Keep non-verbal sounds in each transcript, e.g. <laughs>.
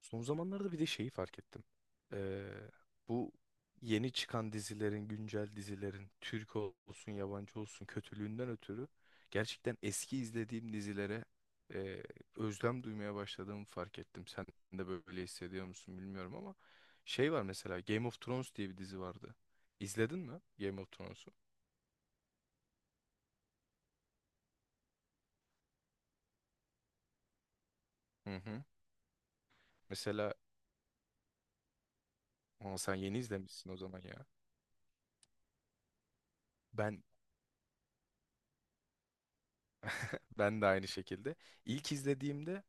Son zamanlarda bir de şeyi fark ettim. Ee, bu yeni çıkan dizilerin, güncel dizilerin, Türk olsun, yabancı olsun kötülüğünden ötürü gerçekten eski izlediğim dizilere e, özlem duymaya başladığımı fark ettim. Sen de böyle hissediyor musun bilmiyorum ama şey var, mesela Game of Thrones diye bir dizi vardı. İzledin mi Game of Thrones'u? Hı hı. Mesela, aa, sen yeni izlemişsin o zaman ya. Ben ben de aynı şekilde. İlk izlediğimde,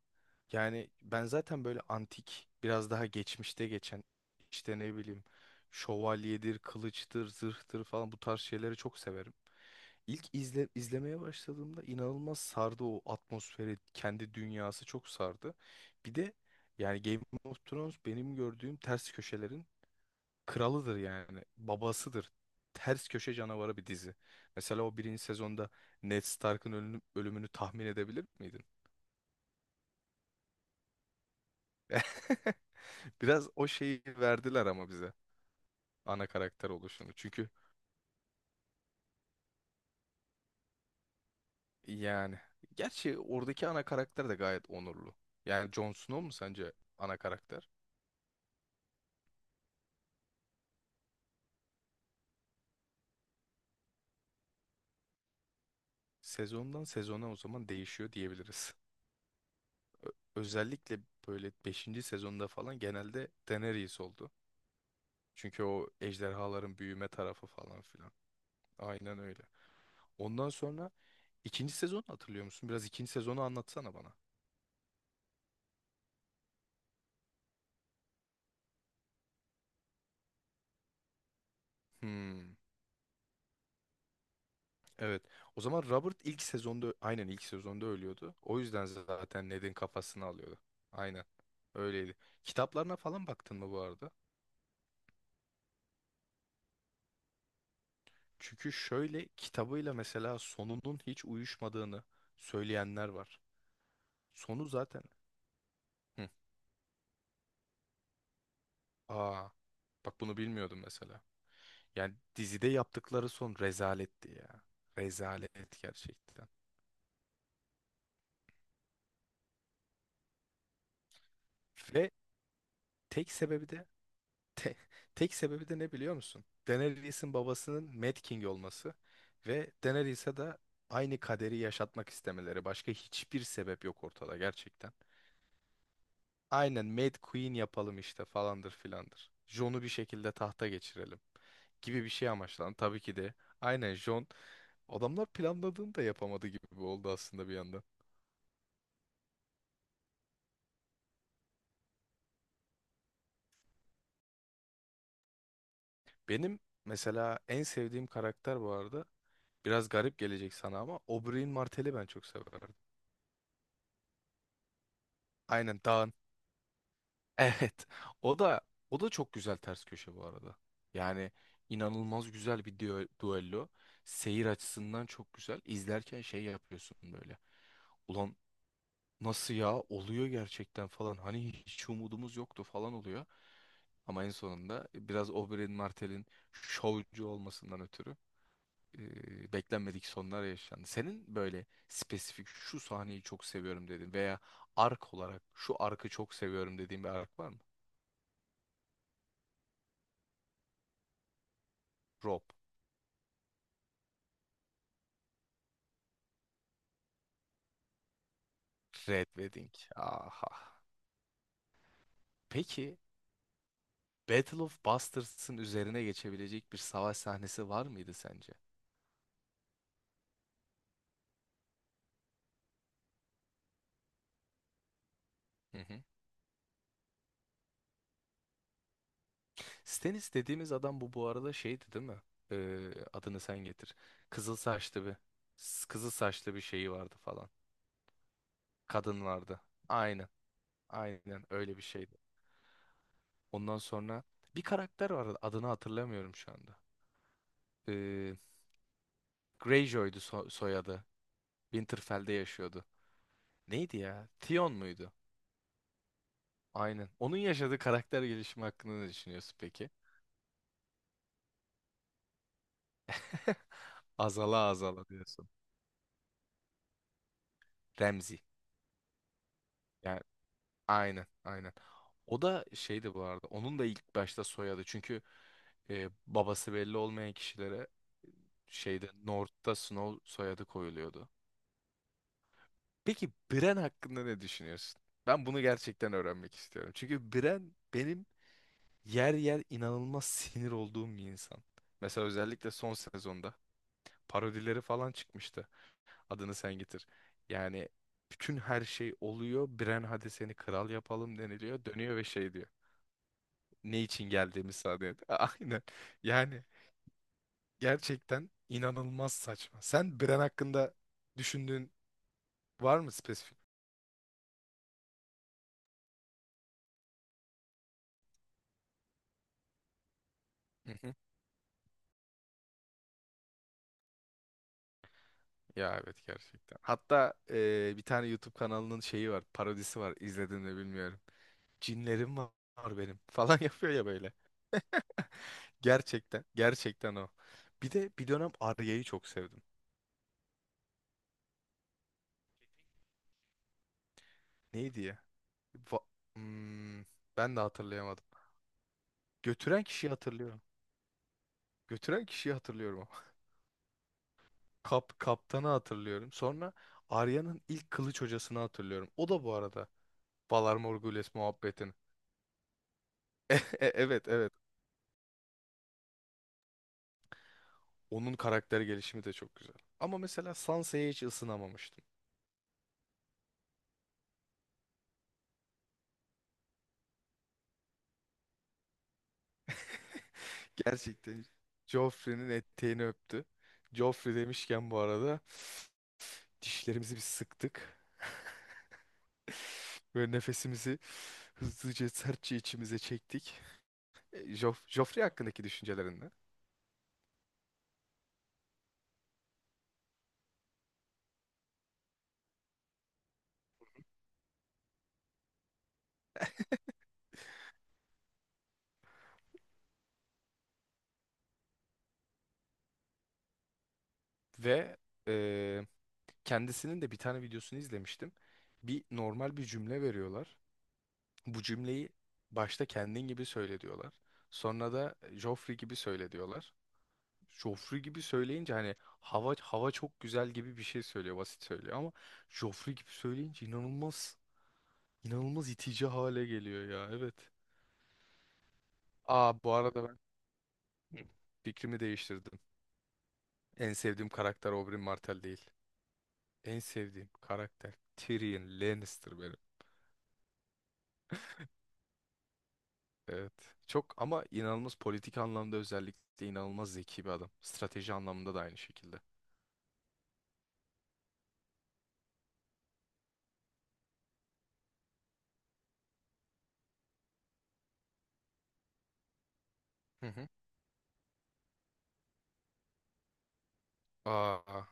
yani ben zaten böyle antik, biraz daha geçmişte geçen, işte ne bileyim, şövalyedir, kılıçtır, zırhtır falan, bu tarz şeyleri çok severim. İzlemeye başladığımda inanılmaz sardı o atmosferi, kendi dünyası çok sardı. Bir de yani Game of Thrones benim gördüğüm ters köşelerin kralıdır yani, babasıdır. Ters köşe canavarı bir dizi. Mesela o birinci sezonda Ned Stark'ın ölümünü tahmin edebilir miydin? <laughs> Biraz o şeyi verdiler ama bize, ana karakter oluşunu. Çünkü yani gerçi oradaki ana karakter de gayet onurlu. Yani Jon Snow mu sence ana karakter? Sezondan sezona o zaman değişiyor diyebiliriz. <laughs> Özellikle böyle beşinci sezonda falan genelde Daenerys oldu. Çünkü o ejderhaların büyüme tarafı falan filan. Aynen öyle. Ondan sonra ikinci sezonu hatırlıyor musun? Biraz ikinci sezonu anlatsana bana. Hmm. Evet. O zaman Robert ilk sezonda, aynen ilk sezonda ölüyordu. O yüzden zaten Ned'in kafasını alıyordu. Aynen. Öyleydi. Kitaplarına falan baktın mı bu arada? Çünkü şöyle, kitabıyla mesela sonunun hiç uyuşmadığını söyleyenler var. Sonu zaten. Hı. Aa. Bak bunu bilmiyordum mesela. Yani dizide yaptıkları son rezaletti ya. Rezalet gerçekten. Ve tek sebebi de, Te- tek sebebi de ne biliyor musun? Daenerys'in babasının Mad King olması ve Daenerys'e de aynı kaderi yaşatmak istemeleri. Başka hiçbir sebep yok ortada gerçekten. Aynen Mad Queen yapalım işte falandır filandır. Jon'u bir şekilde tahta geçirelim gibi bir şey amaçlandı. Tabii ki de aynen Jon, adamlar planladığını da yapamadı gibi oldu aslında bir yandan. Benim mesela en sevdiğim karakter bu arada, biraz garip gelecek sana ama, Oberyn Martell'i ben çok severdim. Aynen dağın. Evet. O da o da çok güzel ters köşe bu arada. Yani inanılmaz güzel bir duello. Seyir açısından çok güzel. İzlerken şey yapıyorsun böyle. Ulan nasıl ya, oluyor gerçekten falan. Hani hiç umudumuz yoktu falan oluyor. Ama en sonunda biraz Oberyn Martell'in şovcu olmasından ötürü beklenmedik sonlar yaşandı. Senin böyle spesifik şu sahneyi çok seviyorum dedin veya ark olarak şu arkı çok seviyorum dediğin bir ark var mı? Rob. Red Wedding. Aha. Peki Battle of Bastards'ın üzerine geçebilecek bir savaş sahnesi var mıydı sence? Hı hı. Stannis dediğimiz adam, bu arada şeydi değil mi? Adını sen getir. Kızıl saçlı bir, kızıl saçlı bir şeyi vardı falan. Kadın vardı. Aynen. Aynen öyle bir şeydi. Ondan sonra bir karakter vardı. Adını hatırlamıyorum şu anda. Ee, Greyjoy'du soyadı. Winterfell'de yaşıyordu. Neydi ya? Tion muydu? Aynen. Onun yaşadığı karakter gelişimi hakkında ne düşünüyorsun peki? <laughs> Azala azala diyorsun. Remzi. Yani aynen aynen. O da şeydi bu arada. Onun da ilk başta soyadı. Çünkü babası belli olmayan kişilere şeyde North'ta Snow soyadı koyuluyordu. Peki Bren hakkında ne düşünüyorsun? Ben bunu gerçekten öğrenmek istiyorum. Çünkü Bren benim yer yer inanılmaz <laughs> sinir olduğum bir insan. Mesela özellikle son sezonda parodileri falan çıkmıştı. Adını sen getir. Yani bütün her şey oluyor. Bren hadi seni kral yapalım deniliyor. Dönüyor ve şey diyor. Ne için geldiğimi sadece. <laughs> Aynen. Yani gerçekten inanılmaz saçma. Sen Bren hakkında düşündüğün var mı spesifik? Hı hı. Ya evet gerçekten. Hatta bir tane YouTube kanalının şeyi var, parodisi var. İzledin mi bilmiyorum. Cinlerim var, var benim <laughs> falan yapıyor ya böyle. <laughs> Gerçekten, gerçekten o. Bir de bir dönem Arya'yı çok sevdim. Neydi ya? Va-. Hmm, ben de hatırlayamadım. Götüren kişiyi hatırlıyorum. Götüren kişiyi hatırlıyorum ama. <laughs> Kaptanı hatırlıyorum. Sonra Arya'nın ilk kılıç hocasını hatırlıyorum. O da bu arada Valar Morghulis muhabbetini. <laughs> E- Evet evet. Onun karakter gelişimi de çok güzel. Ama mesela Sansa'ya hiç ısınamamıştım. <laughs> Gerçekten Joffrey'nin eteğini öptü. Joffrey demişken bu arada <sighs> dişlerimizi bir sıktık. <laughs> Ve nefesimizi hızlıca sertçe içimize çektik. Joffrey hakkındaki düşüncelerini ve e, kendisinin de bir tane videosunu izlemiştim. Bir normal bir cümle veriyorlar. Bu cümleyi başta kendin gibi söyle diyorlar. Sonra da Joffrey gibi söyle diyorlar. Joffrey gibi söyleyince hani hava çok güzel gibi bir şey söylüyor, basit söylüyor ama Joffrey gibi söyleyince inanılmaz itici hale geliyor ya. Evet. Aa bu arada ben, hı, fikrimi değiştirdim. En sevdiğim karakter Oberyn Martell değil. En sevdiğim karakter Tyrion Lannister benim. Evet. Çok ama inanılmaz politik anlamda özellikle inanılmaz zeki bir adam. Strateji anlamında da aynı şekilde. Hı hı. Aa.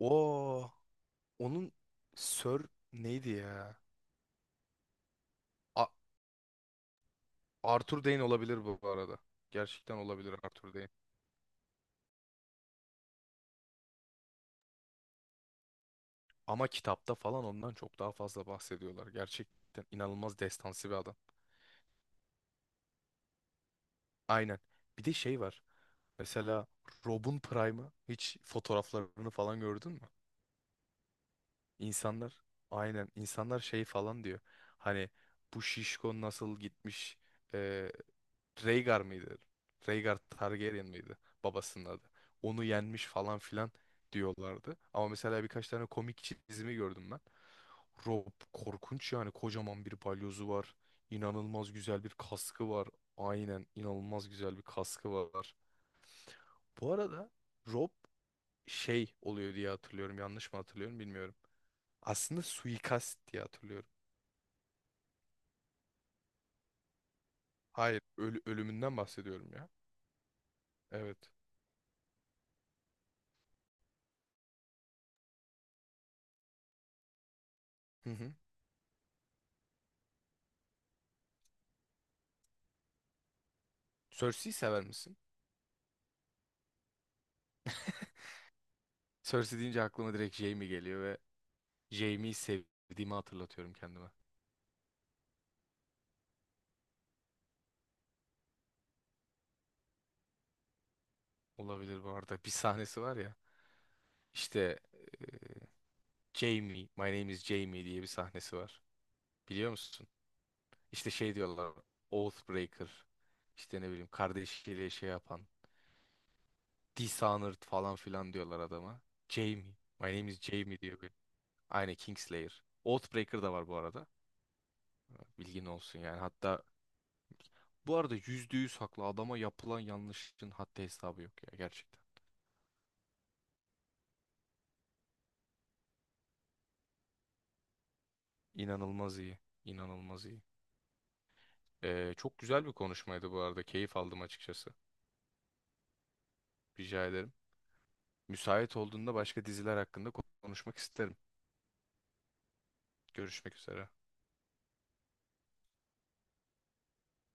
O onun Sir neydi ya? A- Arthur Dayne olabilir bu arada. Gerçekten olabilir Arthur Dayne. Ama kitapta falan ondan çok daha fazla bahsediyorlar. Gerçekten inanılmaz destansı bir adam. Aynen. Bir de şey var. Mesela Rob'un Prime'ı, hiç fotoğraflarını falan gördün mü? İnsanlar aynen, insanlar şey falan diyor. Hani bu Şişko nasıl gitmiş, e, Rhaegar mıydı? Rhaegar Targaryen mıydı? Babasının adı. Onu yenmiş falan filan diyorlardı. Ama mesela birkaç tane komik çizimi gördüm ben. Rob korkunç, yani kocaman bir balyozu var. İnanılmaz güzel bir kaskı var. Aynen inanılmaz güzel bir kaskı var. Bu arada Rob şey oluyor diye hatırlıyorum. Yanlış mı hatırlıyorum bilmiyorum. Aslında suikast diye hatırlıyorum. Hayır, ölümünden bahsediyorum ya. Evet. Hı hı. Cersei'yi sever misin? Cersei deyince aklıma direkt Jaime geliyor ve Jaime'yi sevdiğimi hatırlatıyorum kendime. Olabilir bu arada. Bir sahnesi var ya. İşte Jaime, my name is Jaime diye bir sahnesi var. Biliyor musun? İşte şey diyorlar. Oathbreaker. İşte ne bileyim, kardeşiyle şey yapan. Dishonored falan filan diyorlar adama. Jaime. My name is Jaime diyor. Bir. Aynı Kingslayer. Oathbreaker da var bu arada. Bilgin olsun yani. Hatta bu arada %100 haklı. Adama yapılan yanlışın hatta hesabı yok ya gerçekten. İnanılmaz iyi. İnanılmaz iyi. Çok güzel bir konuşmaydı bu arada. Keyif aldım açıkçası. Rica ederim. Müsait olduğunda başka diziler hakkında konuşmak isterim. Görüşmek üzere.